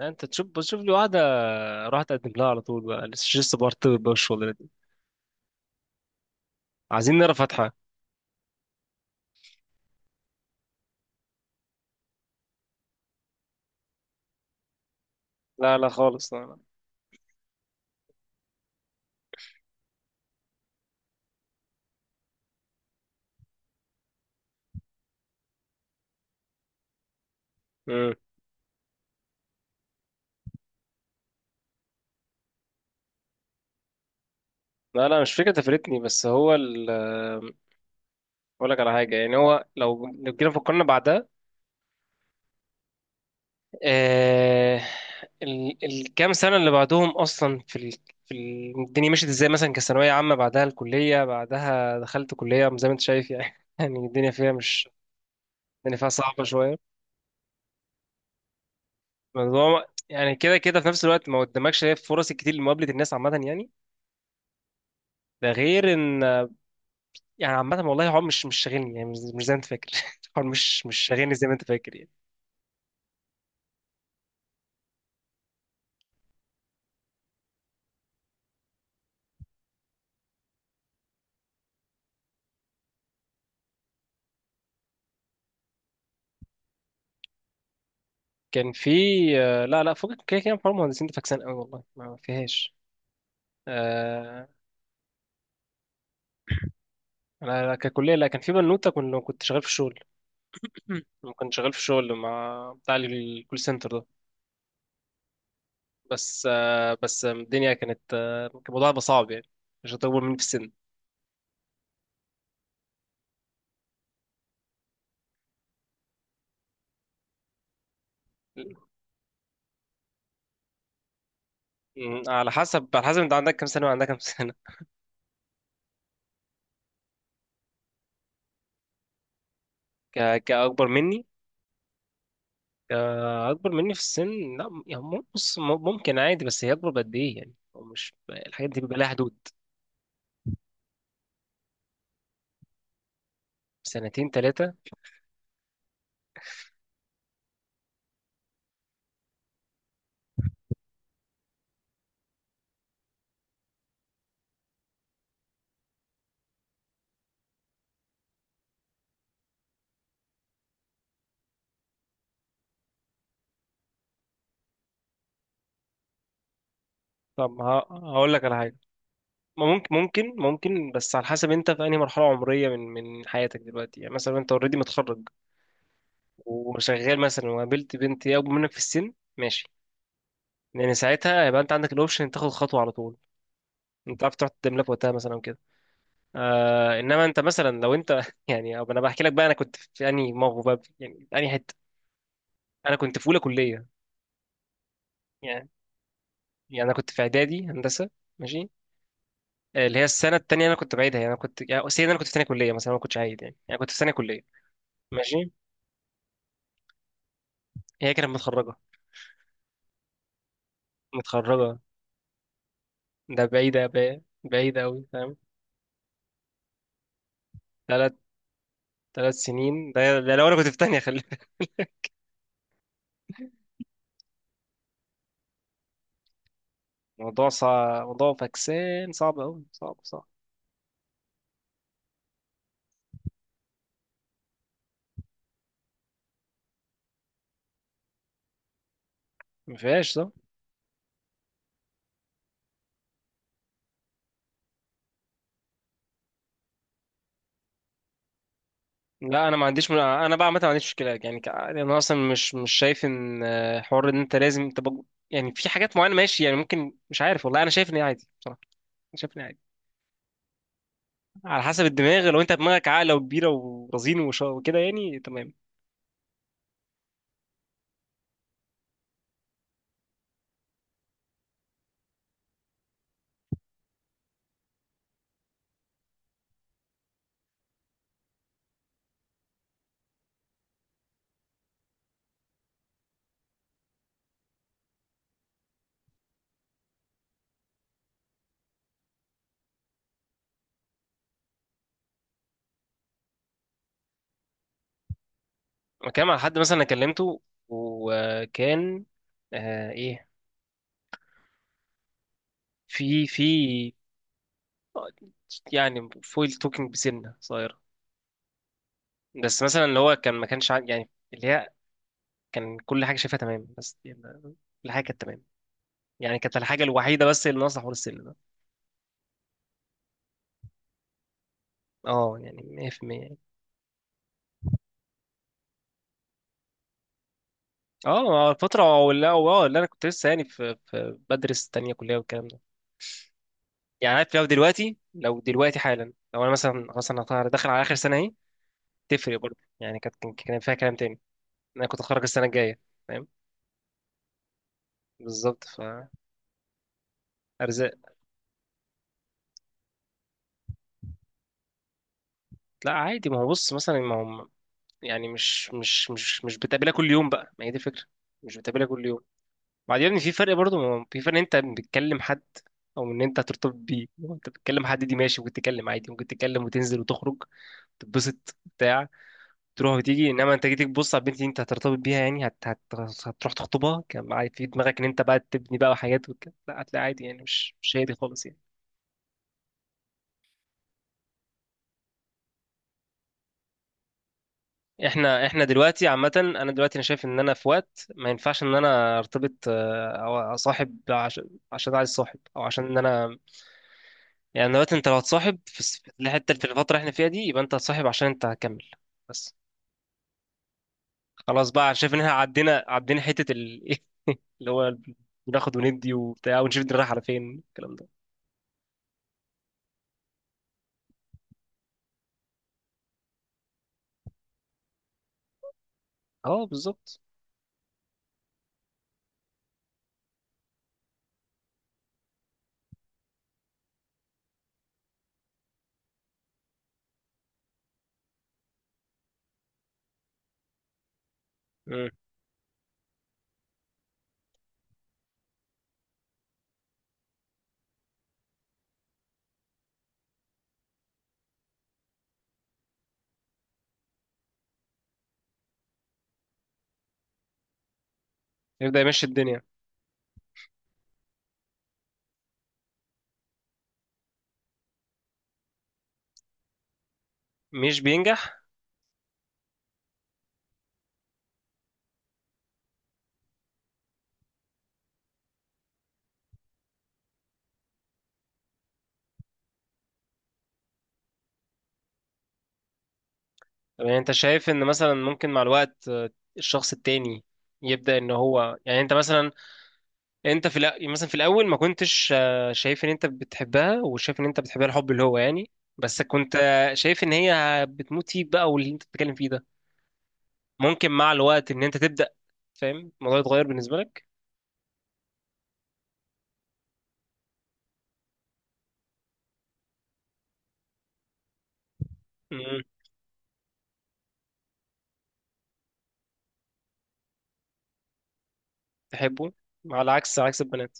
انت تشوف بشوف لي واحده. راح تقدم لها على طول بقى. لسه برتبط بقى الشغل دي. عايزين نرى فتحه. لا لا خالص، لا لا. مم. لا لا، مش فكره تفرتني، بس هو ال... اقول لك على حاجه. يعني هو لو جينا فكرنا بعدها. آه... ال... الكام سنه اللي بعدهم اصلا في ال... في ال... الدنيا مشيت ازاي، مثلا كثانويه عامه، بعدها الكليه، بعدها دخلت كليه زي ما انت شايف يعني. يعني الدنيا فيها مش الدنيا فيها صعبه شويه. بس هو يعني كده كده في نفس الوقت ما قدامكش هي فرص الكتير لمقابله الناس عامه يعني. ده غير ان... يعني عامه والله هو مش شاغلني يعني، مش زي ما انت فاكر. هو مش شاغلني زي ما انت فاكر يعني. كان في. لا لا، فوق كده كده. حوار المهندسين ده فاكسان قوي والله، ما فيهاش. آه، انا ككليه، لا كان في بنوته. كنت شغال في الشغل. كنت شغال في الشغل مع بتاع الكول سنتر ده. بس بس الدنيا كانت كان الموضوع هيبقى صعب يعني. مش هتطول مني في السن. مم، على حسب انت عندك كام سنة وعندك كام سنة. كأكبر مني. كأكبر مني في السن، لا يعني بص ممكن عادي، بس هي أكبر بقد إيه يعني؟ هو مش الحاجات دي بيبقى لها حدود. سنتين ثلاثة. طب هقول لك على حاجة. ما ممكن بس على حسب انت في أنهي مرحلة عمرية من حياتك دلوقتي. يعني مثلا انت اوريدي متخرج وشغال مثلا، وقابلت بنت هي أكبر منك في السن، ماشي. لأن ساعتها هيبقى انت عندك الأوبشن تاخد خطوة على طول. انت عارف تروح تقدم لك وقتها مثلا. آه، انما انت مثلا لو انت يعني، أو انا بحكي لك بقى انا كنت في انهي موقف بقى يعني انهي حته. انا كنت في اولى كليه. يعني انا كنت في اعدادي هندسه، ماشي. اللي هي السنه التانية انا كنت بعيدها يعني. انا كنت، يعني سيدي، انا كنت في ثانيه كليه مثلا، ما كنتش عايد يعني، يعني كنت في ثانيه كليه. ماشي. هي كانت متخرجه، متخرجه. ده بعيده بقى، بعيده قوي، فاهم. ثلاث ثلاث سنين. ده، ده لو انا كنت في ثانيه، خلي بالك. موضوع صعب، موضوع فكسان، صعب قوي، صعب صعب. ما فيهاش صح. لا انا ما عنديش انا بقى عامه ما عنديش مشكله يعني. يعني انا اصلا مش شايف ان حوار ان انت لازم تبقى. يعني في حاجات معينه، ماشي يعني ممكن، مش عارف والله انا شايف ان هي عادي بصراحه. أنا شايف ان هي عادي. على حسب الدماغ، لو انت دماغك عاقله وكبيره ورزين وكده يعني تمام. انا كلام على حد مثلا، انا كلمته وكان آه ايه، في يعني فويل توكينج بسنه صغيره. بس مثلا اللي هو كان ما كانش يعني اللي هي كان كل حاجه شايفها تمام، بس يعني كل حاجه كانت تمام. يعني كانت الحاجة الوحيدة بس اللي ناقصة حوار السن ده. اه يعني 100% يعني. اه فترة، ولا اه اللي انا كنت لسه يعني في بدرس تانية كلية والكلام ده. يعني عارف، لو دلوقتي، لو دلوقتي حالا، لو انا مثلا خلاص انا داخل على اخر سنة اهي. تفرق برضه يعني. كانت كان فيها كلام تاني. انا كنت اتخرج السنة الجاية. فاهم. بالظبط. فارزاق. لا عادي، ما هو بص، مثلا ما هو يعني مش بتقابلها كل يوم بقى، ما هي دي الفكرة. مش بتقابلها كل يوم. بعدين في فرق برضه، ما هو في فرق إن انت بتكلم حد او ان انت هترتبط بيه. لو انت بتكلم حد دي ماشي، ممكن تتكلم عادي، ممكن تتكلم وتنزل وتخرج، تتبسط بتاع، تروح وتيجي. انما انت جيت تبص على البنت دي انت هترتبط بيها يعني، هتروح تخطبها، كان معايا في دماغك ان انت بقى تبني بقى حاجات لا هتلاقي عادي يعني، مش هي دي خالص يعني. احنا دلوقتي عامة، انا دلوقتي شايف ان انا في وقت ما ينفعش ان انا ارتبط او اصاحب، عشان عايز صاحب، او عشان ان انا يعني دلوقتي، انت لو هتصاحب في في الحته، في الفتره اللي احنا فيها دي، يبقى انت هتصاحب عشان انت هتكمل بس. خلاص بقى، شايف ان احنا عدينا حته ال... اللي هو بناخد وندي وبتاع ونشوف الدنيا رايحه على فين الكلام ده. اه بالظبط. مم. يبدا يمشي الدنيا. مش بينجح. طب يعني انت شايف ان مثلا ممكن مع الوقت الشخص التاني يبدا ان هو يعني. انت مثلا انت في مثلا في الاول ما كنتش شايف ان انت بتحبها، وشايف ان انت بتحبها الحب اللي هو يعني. بس كنت شايف ان هي بتموت فيك بقى، واللي انت بتتكلم فيه ده ممكن مع الوقت ان انت تبدا، فاهم، الموضوع يتغير بالنسبه لك. امم. تحبه. على عكس البنات.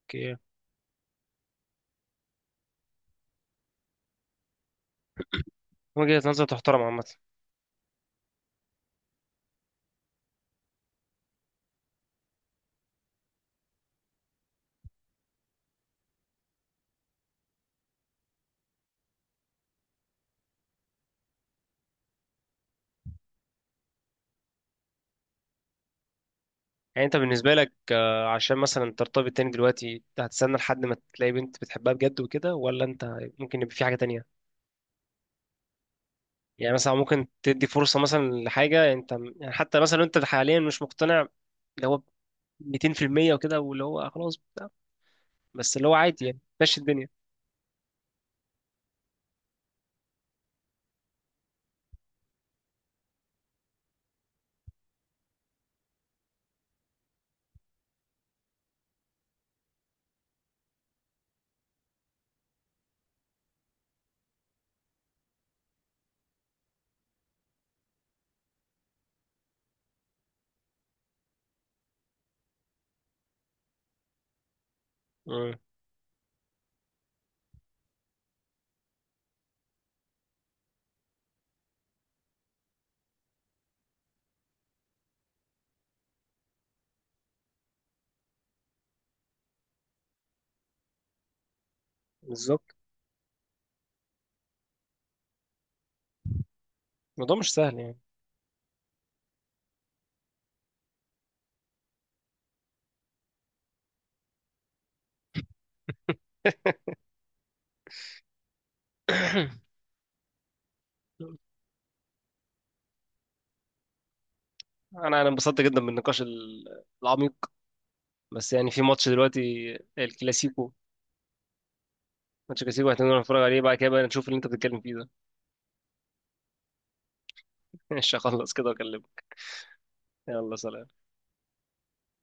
اوكي. وجهه نظر تحترم عامه. يعني انت بالنسبه لك عشان مثلا ترتبط تاني دلوقتي، انت هتستنى لحد ما تلاقي بنت بتحبها بجد وكده، ولا انت ممكن يبقى في حاجه تانية؟ يعني مثلا ممكن تدي فرصة مثلا لحاجة انت، يعني حتى مثلا لو انت حاليا مش مقتنع اللي هو 200% وكده، واللي هو خلاص بتاع، بس اللي هو عادي يعني ماشي الدنيا. امم. بالظبط. الموضوع مش سهل يعني. انا انبسطت جدا بالنقاش العميق. بس يعني في ماتش دلوقتي، الكلاسيكو. ماتش كلاسيكو هتنزل نتفرج عليه بعد كده بقى، نشوف اللي انت بتتكلم فيه ده. مش هخلص كده واكلمك. يلا سلام.